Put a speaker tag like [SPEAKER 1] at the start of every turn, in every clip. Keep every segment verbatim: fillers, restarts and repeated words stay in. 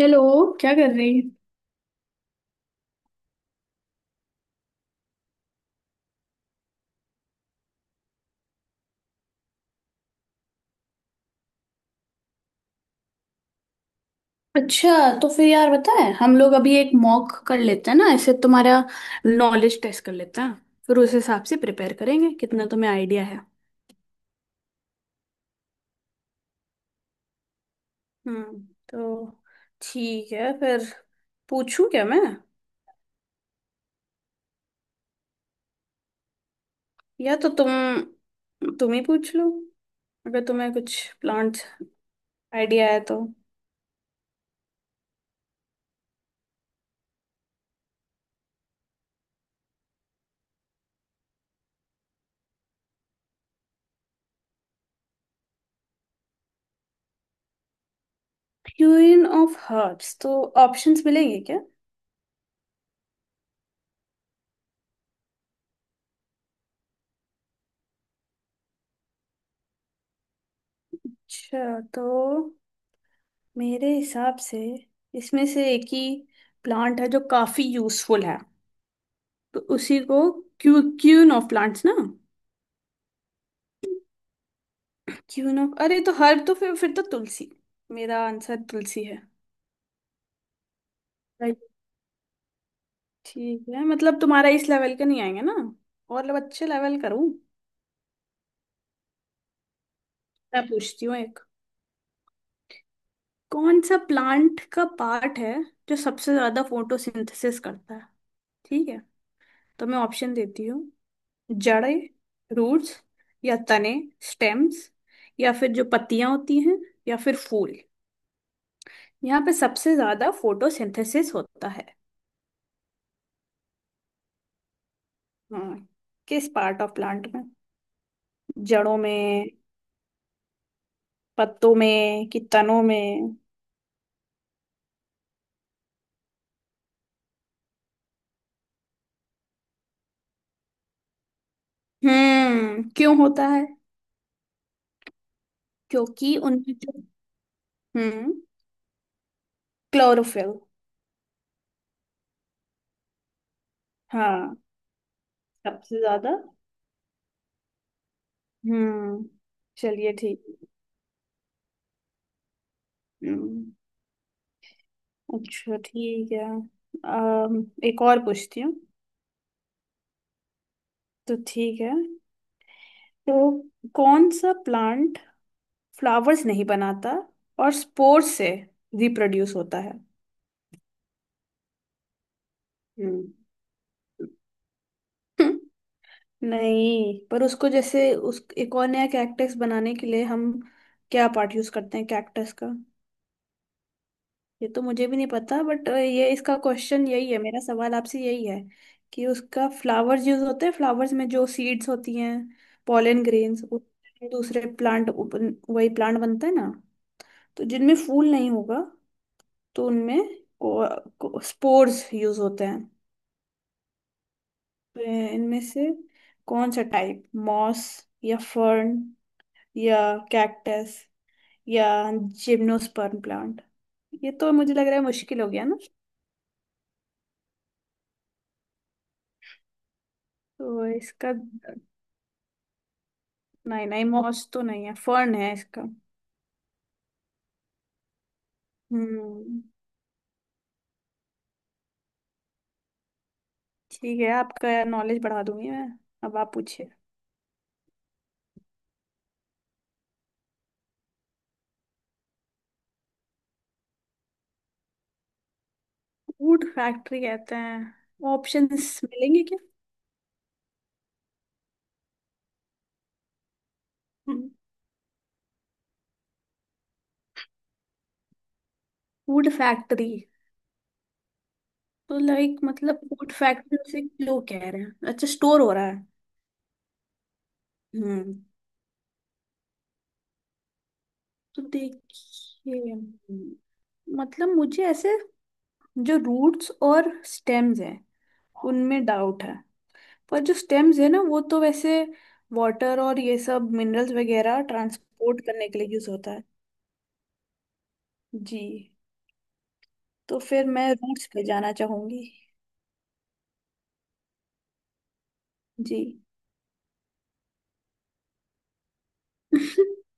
[SPEAKER 1] Hello. क्या कर रही? अच्छा, तो फिर यार पता है, हम लोग अभी एक मॉक कर लेते हैं ना ऐसे। तुम्हारा नॉलेज टेस्ट कर लेते हैं, फिर उस हिसाब से प्रिपेयर करेंगे। कितना तुम्हें आइडिया है? हम्म। तो ठीक है फिर, पूछूं क्या मैं? या तो तुम तुम ही पूछ लो, अगर तुम्हें कुछ प्लांट आइडिया है तो। यूनियन ऑफ हर्ब्स, तो ऑप्शंस मिलेंगे क्या? अच्छा, तो मेरे हिसाब से इसमें से एक ही प्लांट है जो काफी यूजफुल है, तो उसी को क्यू क्यून ऑफ प्लांट्स ना। क्यून ऑफ, अरे तो हर्ब तो फिर फिर तो तुलसी। मेरा आंसर तुलसी है। राइट। ठीक है, मतलब तुम्हारा इस लेवल का नहीं आएंगे ना, और लोग अच्छे लेवल करूं। मैं पूछती हूँ एक। कौन सा प्लांट का पार्ट है जो सबसे ज्यादा फोटोसिंथेसिस करता है? ठीक है, तो मैं ऑप्शन देती हूँ। जड़ें, रूट्स, या तने, स्टेम्स, या फिर जो पत्तियां होती हैं, या फिर फूल। यहाँ पे सबसे ज्यादा फोटोसिंथेसिस होता है? हाँ, किस पार्ट ऑफ प्लांट में? जड़ों में, पत्तों में कि तनों में? हम्म, क्यों होता है? क्योंकि उनमें जो, हम्म, क्लोरोफिल। हाँ, सबसे ज्यादा। हम्म। चलिए ठीक। हम्म। अच्छा ठीक है। अम, एक और पूछती हूँ। तो ठीक है, तो कौन सा प्लांट फ्लावर्स नहीं बनाता और स्पोर्स से रिप्रोड्यूस होता है? हम्म। नहीं, पर उसको जैसे, उस एक और नया कैक्टस बनाने के लिए हम क्या पार्ट यूज करते हैं कैक्टस का? ये तो मुझे भी नहीं पता, बट ये इसका क्वेश्चन यही है, मेरा सवाल आपसे यही है कि उसका फ्लावर्स यूज होते हैं, फ्लावर्स में जो सीड्स होती हैं, पॉलन ग्रेन्स, दूसरे प्लांट, वही प्लांट बनता है ना। तो जिनमें फूल नहीं होगा, तो उनमें को, स्पोर्स यूज होते हैं। तो इनमें से कौन सा टाइप, मॉस या फर्न या कैक्टस या जिम्नोस्पर्म प्लांट? ये तो मुझे लग रहा है मुश्किल हो गया ना। तो इसका, नहीं नहीं, मॉस तो नहीं है, फर्न है इसका। हम्म। ठीक है, आपका नॉलेज बढ़ा दूंगी मैं। अब आप पूछिए। वुड फैक्ट्री कहते हैं? ऑप्शंस मिलेंगे क्या? वुड फैक्ट्री, तो लाइक मतलब फूड फैक्ट्री से क्यों कह रहे हैं, अच्छा स्टोर हो रहा है। हम्म, तो देखिए, मतलब मुझे ऐसे जो रूट्स और स्टेम्स हैं उनमें डाउट है। पर जो स्टेम्स है ना, वो तो वैसे वाटर और ये सब मिनरल्स वगैरह ट्रांसपोर्ट करने के लिए यूज होता है। जी, तो फिर मैं रूट्स पे जाना चाहूंगी। जी।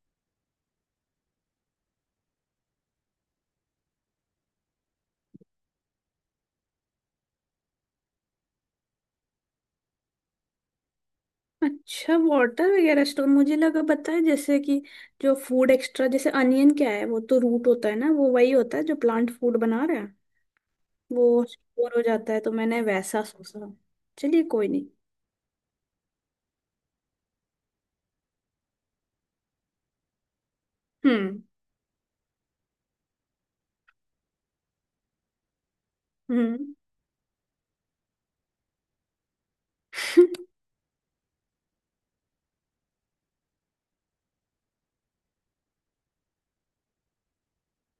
[SPEAKER 1] अच्छा, वाटर वगैरह स्टोर, मुझे लगा पता है जैसे कि जो फूड एक्स्ट्रा, जैसे अनियन क्या है, वो तो रूट होता है ना, वो वही होता है जो प्लांट फूड बना रहा है, वो स्टोर हो जाता है, तो मैंने वैसा सोचा। चलिए, कोई नहीं। हम्म। हम्म।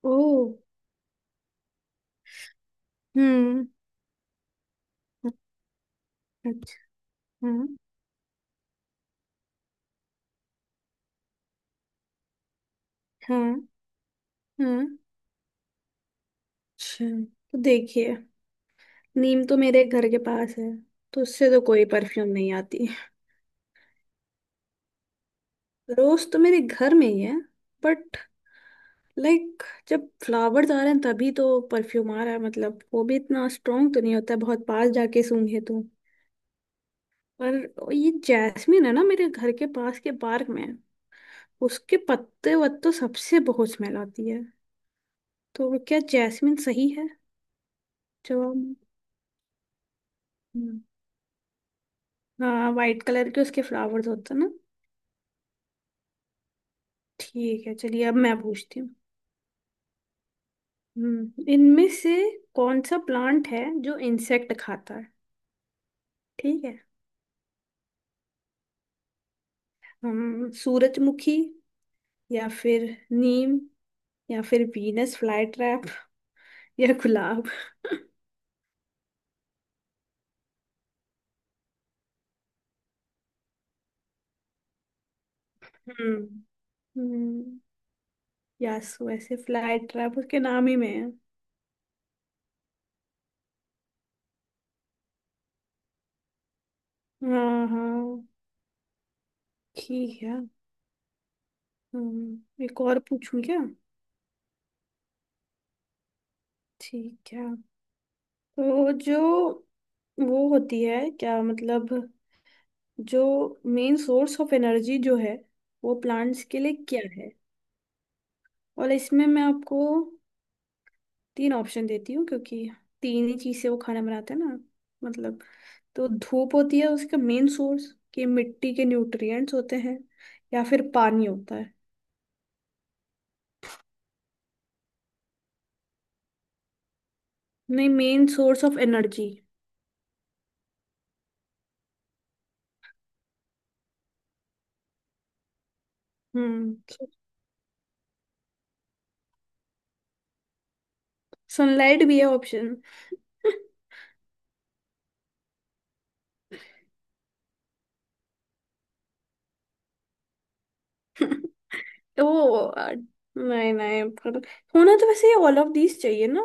[SPEAKER 1] ओ। हम्म। अच्छा। हाँ। हाँ। हाँ, अच्छा, तो देखिए, नीम तो मेरे घर के पास है, तो उससे तो कोई परफ्यूम नहीं आती। रोज तो मेरे घर में ही है, बट लाइक जब फ्लावर्स आ रहे हैं तभी तो परफ्यूम आ रहा है, मतलब वो भी इतना स्ट्रॉन्ग तो नहीं होता है, बहुत पास जाके सूंघे तो। पर ये जैस्मिन है ना, मेरे घर के पास के पार्क में, उसके पत्ते वत्तों सबसे बहुत स्मेल आती है। तो क्या जैस्मिन सही है जवाब? हम्म, हाँ, वाइट कलर के उसके फ्लावर्स होते हैं ना। ठीक है, चलिए, अब मैं पूछती हूँ। हम्म, इनमें से कौन सा प्लांट है जो इंसेक्ट खाता है? ठीक है, हम सूरजमुखी या फिर नीम या फिर वीनस फ्लाई ट्रैप या गुलाब। हम्म। हम्म, यस, वैसे फ्लाई ट्रैप उसके नाम ही में है। हाँ हाँ। ठीक है। हम्म, एक और पूछूं क्या? ठीक है, तो जो वो होती है क्या, मतलब जो मेन सोर्स ऑफ एनर्जी जो है वो प्लांट्स के लिए क्या है? और इसमें मैं आपको तीन ऑप्शन देती हूँ, क्योंकि तीन ही चीज से वो खाना बनाते हैं ना, मतलब। तो धूप होती है उसका मेन सोर्स, कि मिट्टी के न्यूट्रिएंट्स होते हैं, या फिर पानी होता है? नहीं, मेन सोर्स ऑफ एनर्जी। हम्म, सनलाइट भी है ऑप्शन। तो वो, अ, नहीं नहीं, पर होना तो वैसे ये ऑल ऑफ दीज चाहिए ना,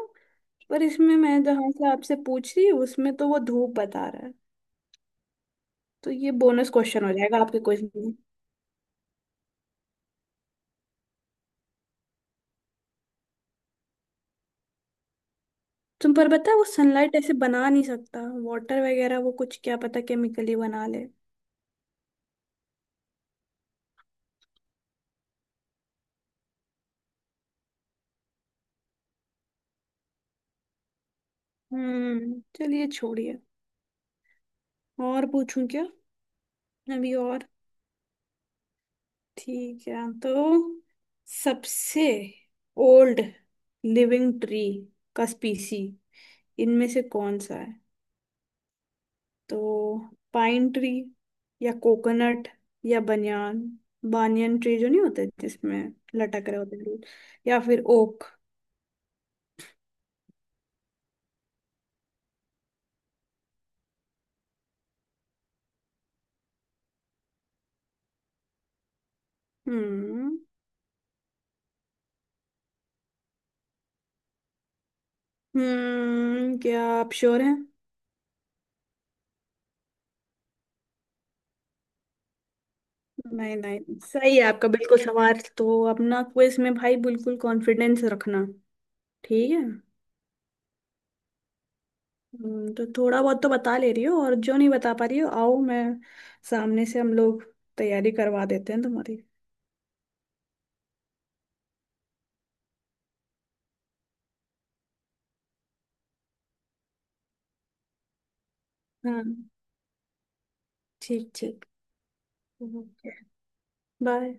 [SPEAKER 1] पर इसमें मैं जहाँ से आपसे पूछ रही हूँ उसमें तो वो धूप बता रहा है। तो ये बोनस क्वेश्चन हो जाएगा आपके क्विज में। तुम पर पता है, वो सनलाइट ऐसे बना नहीं सकता, वाटर वगैरह वो कुछ क्या पता केमिकली बना ले। हम्म, चलिए छोड़िए। और पूछूं क्या, अभी और? ठीक है, तो सबसे ओल्ड लिविंग ट्री का स्पीसी इनमें से कौन सा है? तो पाइन ट्री या कोकोनट या बनियान, बानियन ट्री जो नहीं होते जिसमें लटक रहे होते हैं root, या फिर ओक। हम्म। हम्म, क्या आप श्योर हैं? नहीं नहीं, सही है आपका बिल्कुल, सवाल तो अपना क्विज में भाई बिल्कुल कॉन्फिडेंस रखना। ठीक है। हम्म, तो थोड़ा बहुत तो बता ले रही हो, और जो नहीं बता पा रही हो, आओ मैं सामने से हम लोग तैयारी करवा देते हैं तुम्हारी। हाँ, ठीक ठीक। Okay, bye.